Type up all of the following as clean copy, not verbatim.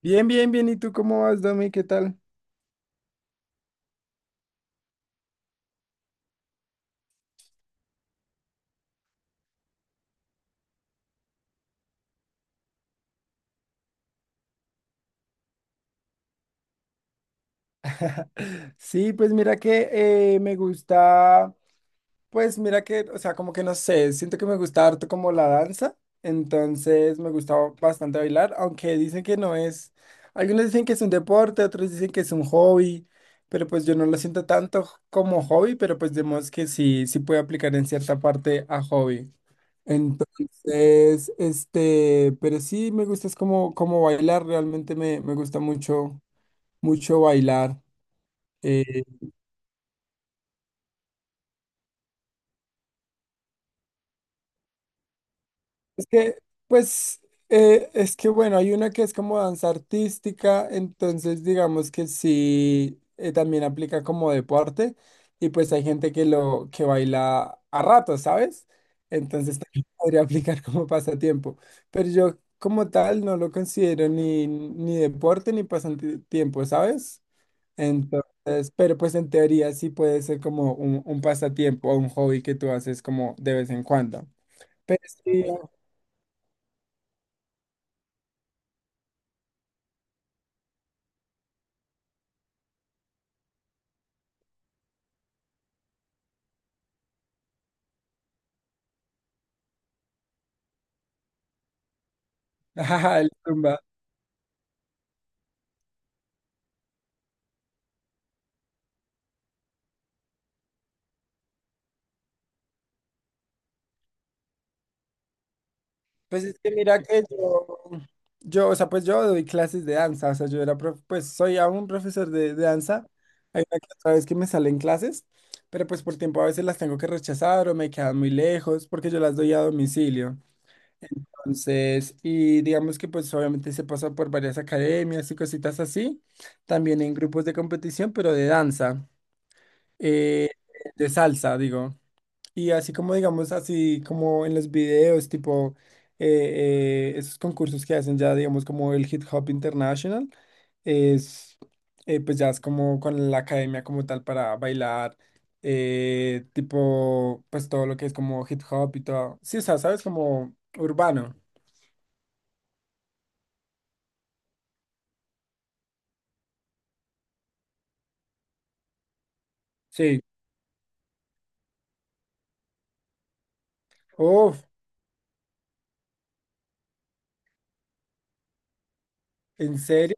Bien, bien, bien. ¿Y tú cómo vas, Domi? ¿Qué tal? Sí, pues mira que me gusta, pues mira que, o sea, como que no sé, siento que me gusta harto como la danza, entonces me gusta bastante bailar, aunque dicen que no es, algunos dicen que es un deporte, otros dicen que es un hobby, pero pues yo no lo siento tanto como hobby, pero pues vemos que sí, sí puede aplicar en cierta parte a hobby. Entonces, este, pero sí me gusta es como, como bailar, realmente me gusta mucho mucho bailar. eh, es que, pues, es que bueno, hay una que es como danza artística, entonces digamos que sí, también aplica como deporte y pues hay gente que lo que baila a rato, ¿sabes? Entonces también podría aplicar como pasatiempo, pero yo como tal no lo considero ni, ni deporte ni pasatiempo, ¿sabes? Entonces, pero pues en teoría sí puede ser como un pasatiempo o un hobby que tú haces como de vez en cuando. Pero sí, ajá, el zumba. Pues es que mira que yo, o sea, pues yo doy clases de danza, o sea, yo era, pues soy aún profesor de danza. Hay una que otra vez que me salen clases, pero pues por tiempo a veces las tengo que rechazar o me quedan muy lejos porque yo las doy a domicilio. Entonces, y digamos que pues obviamente se pasa por varias academias y cositas así, también en grupos de competición, pero de danza, eh, de salsa, digo. Y así como digamos, así como en los videos, tipo esos concursos que hacen ya, digamos, como el Hip Hop International, es pues ya es como con la academia como tal para bailar, tipo pues todo lo que es como hip hop y todo. Sí, o sea, sabes, como urbano. Sí. Uf, ¿en serio?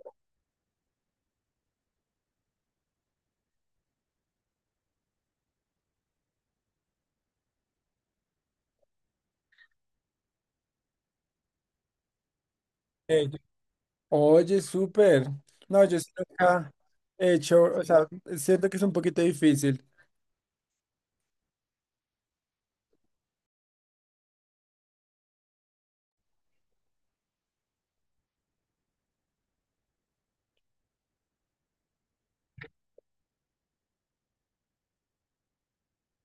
Eh, Oye, súper. No, yo sí nunca he hecho, o sea, siento que es un poquito difícil.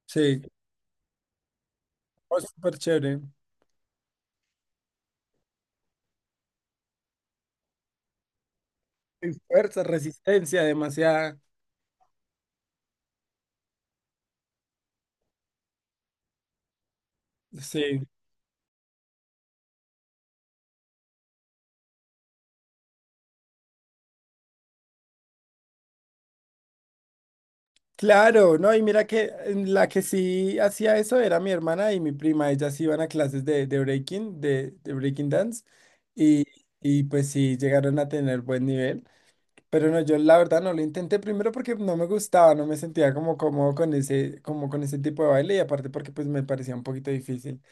Sí, oh, súper chévere. Y fuerza, resistencia, demasiada. Sí. Claro, no, y mira que en la que sí hacía eso era mi hermana y mi prima. Ellas iban a clases de breaking dance, y, y pues sí llegaron a tener buen nivel. Pero no, yo la verdad no lo intenté primero porque no me gustaba, no me sentía como cómodo con ese, como con ese tipo de baile y aparte porque pues me parecía un poquito difícil.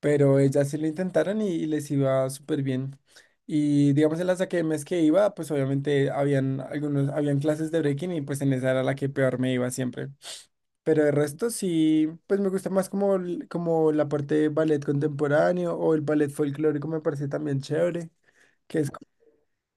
Pero ellas sí lo intentaron y les iba súper bien. Y digamos en las academias que iba, pues obviamente habían algunos, habían clases de breaking y pues en esa era la que peor me iba siempre. Pero el resto sí, pues me gusta más como, como la parte de ballet contemporáneo o el ballet folclórico me parece también chévere, que es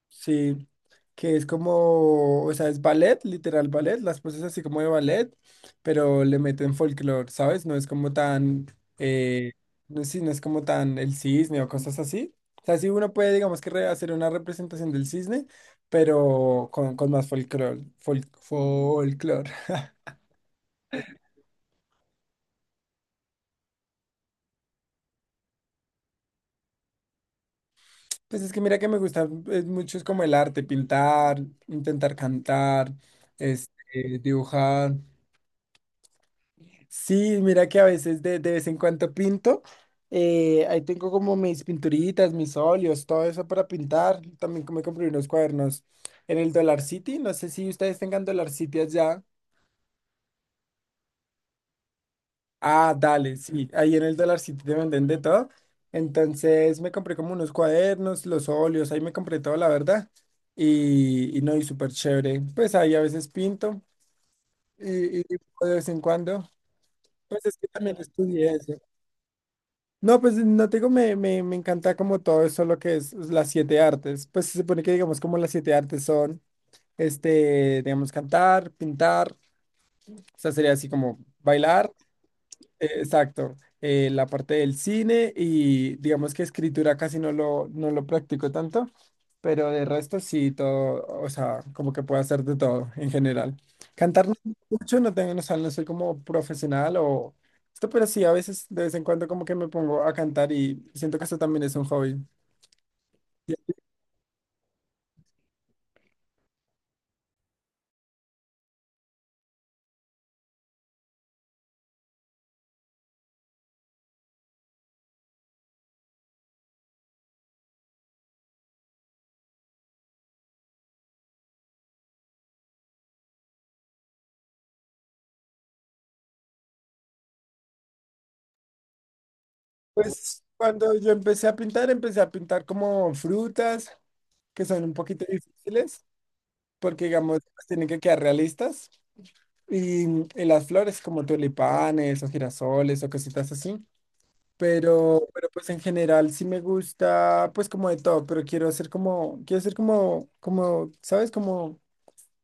sí, que es como, o sea, es ballet, literal ballet, las poses así como de ballet, pero le meten folclore, ¿sabes? No es como tan, eh, no, sí, no es como tan el cisne o cosas así. O sea, sí uno puede, digamos que hacer una representación del cisne, pero con más folclore, folclore. Pues es que mira que me gusta mucho es como el arte, pintar, intentar cantar, este, dibujar. Sí, mira que a veces de vez en cuando pinto. Ahí tengo como mis pinturitas, mis óleos, todo eso para pintar. También me compré unos cuadernos en el Dollar City. No sé si ustedes tengan Dollar City allá. Ah, dale, sí. Ahí en el Dollar City te venden de todo. Entonces me compré como unos cuadernos, los óleos, ahí me compré todo, la verdad. Y no, y súper chévere. Pues ahí a veces pinto y de vez en cuando. Pues es que también estudié eso. No, pues no te digo, me encanta como todo eso lo que es las siete artes. Pues se supone que digamos como las siete artes son, este, digamos, cantar, pintar, o sea, sería así como bailar, exacto, la parte del cine y digamos que escritura casi no lo, no lo practico tanto, pero de resto sí, todo, o sea, como que puedo hacer de todo en general. Cantar no mucho, no tengo, o sea, no soy como profesional o esto, pero sí, a veces de vez en cuando como que me pongo a cantar y siento que eso también es un hobby. Y pues cuando yo empecé a pintar como frutas que son un poquito difíciles, porque digamos, pues, tienen que quedar realistas. Y, mm, y las flores como tulipanes o girasoles o cositas así. Pero pues en general sí me gusta pues como de todo, pero quiero hacer como, como, ¿sabes? Como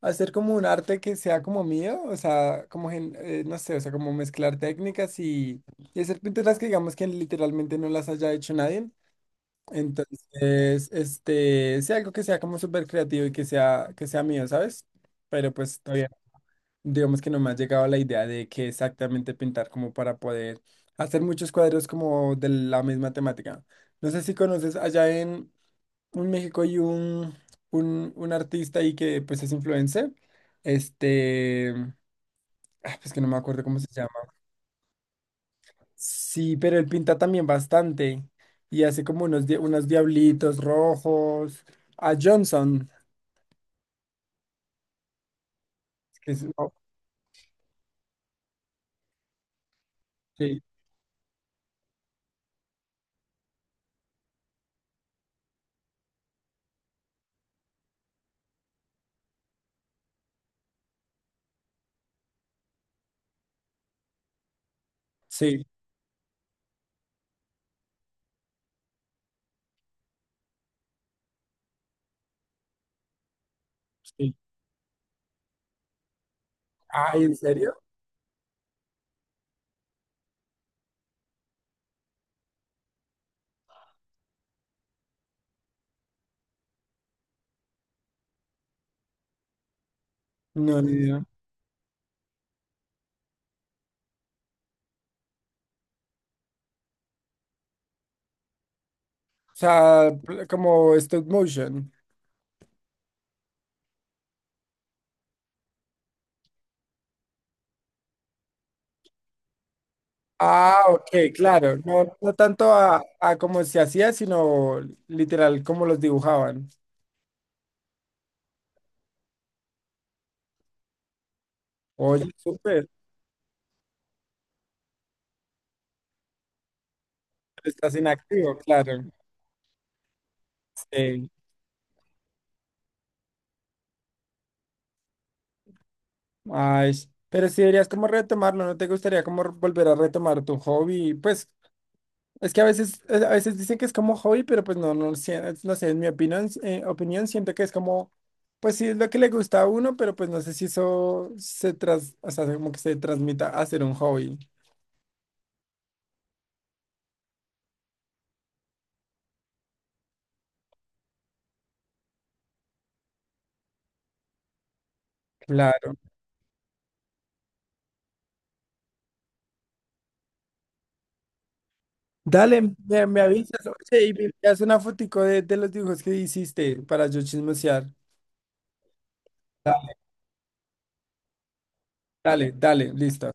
hacer como un arte que sea como mío, o sea, como, no sé, o sea, como mezclar técnicas y hacer pinturas que digamos que literalmente no las haya hecho nadie. Entonces, este, sea algo que sea como súper creativo y que sea mío, ¿sabes? Pero pues todavía digamos que no me ha llegado la idea de qué exactamente pintar como para poder hacer muchos cuadros como de la misma temática. No sé si conoces allá en México hay un artista ahí que pues es influencer. Este, ah, pues que no me acuerdo cómo se llama. Sí, pero él pinta también bastante y hace como unos, unos diablitos rojos. A Johnson. Oh, sí, sí, sí. Ay, ¿en serio? No, ni idea. O sea, como stop motion. Ah, ok, claro. No, no tanto a cómo se hacía, sino literal cómo los dibujaban. Oye, súper, pero estás inactivo, claro. Sí. Ay, pero si deberías como retomarlo, ¿no te gustaría como volver a retomar tu hobby? Pues es que a veces dicen que es como hobby, pero pues no, no, sé, no sé, en mi opinión, opinión siento que es como, pues sí, es lo que le gusta a uno, pero pues no sé si eso se tras, o sea, como que se transmita a ser un hobby. Claro. Dale, me avisas, oye, y me envías una fotico de los dibujos que hiciste para yo chismosear. Da- Dale, dale, listo.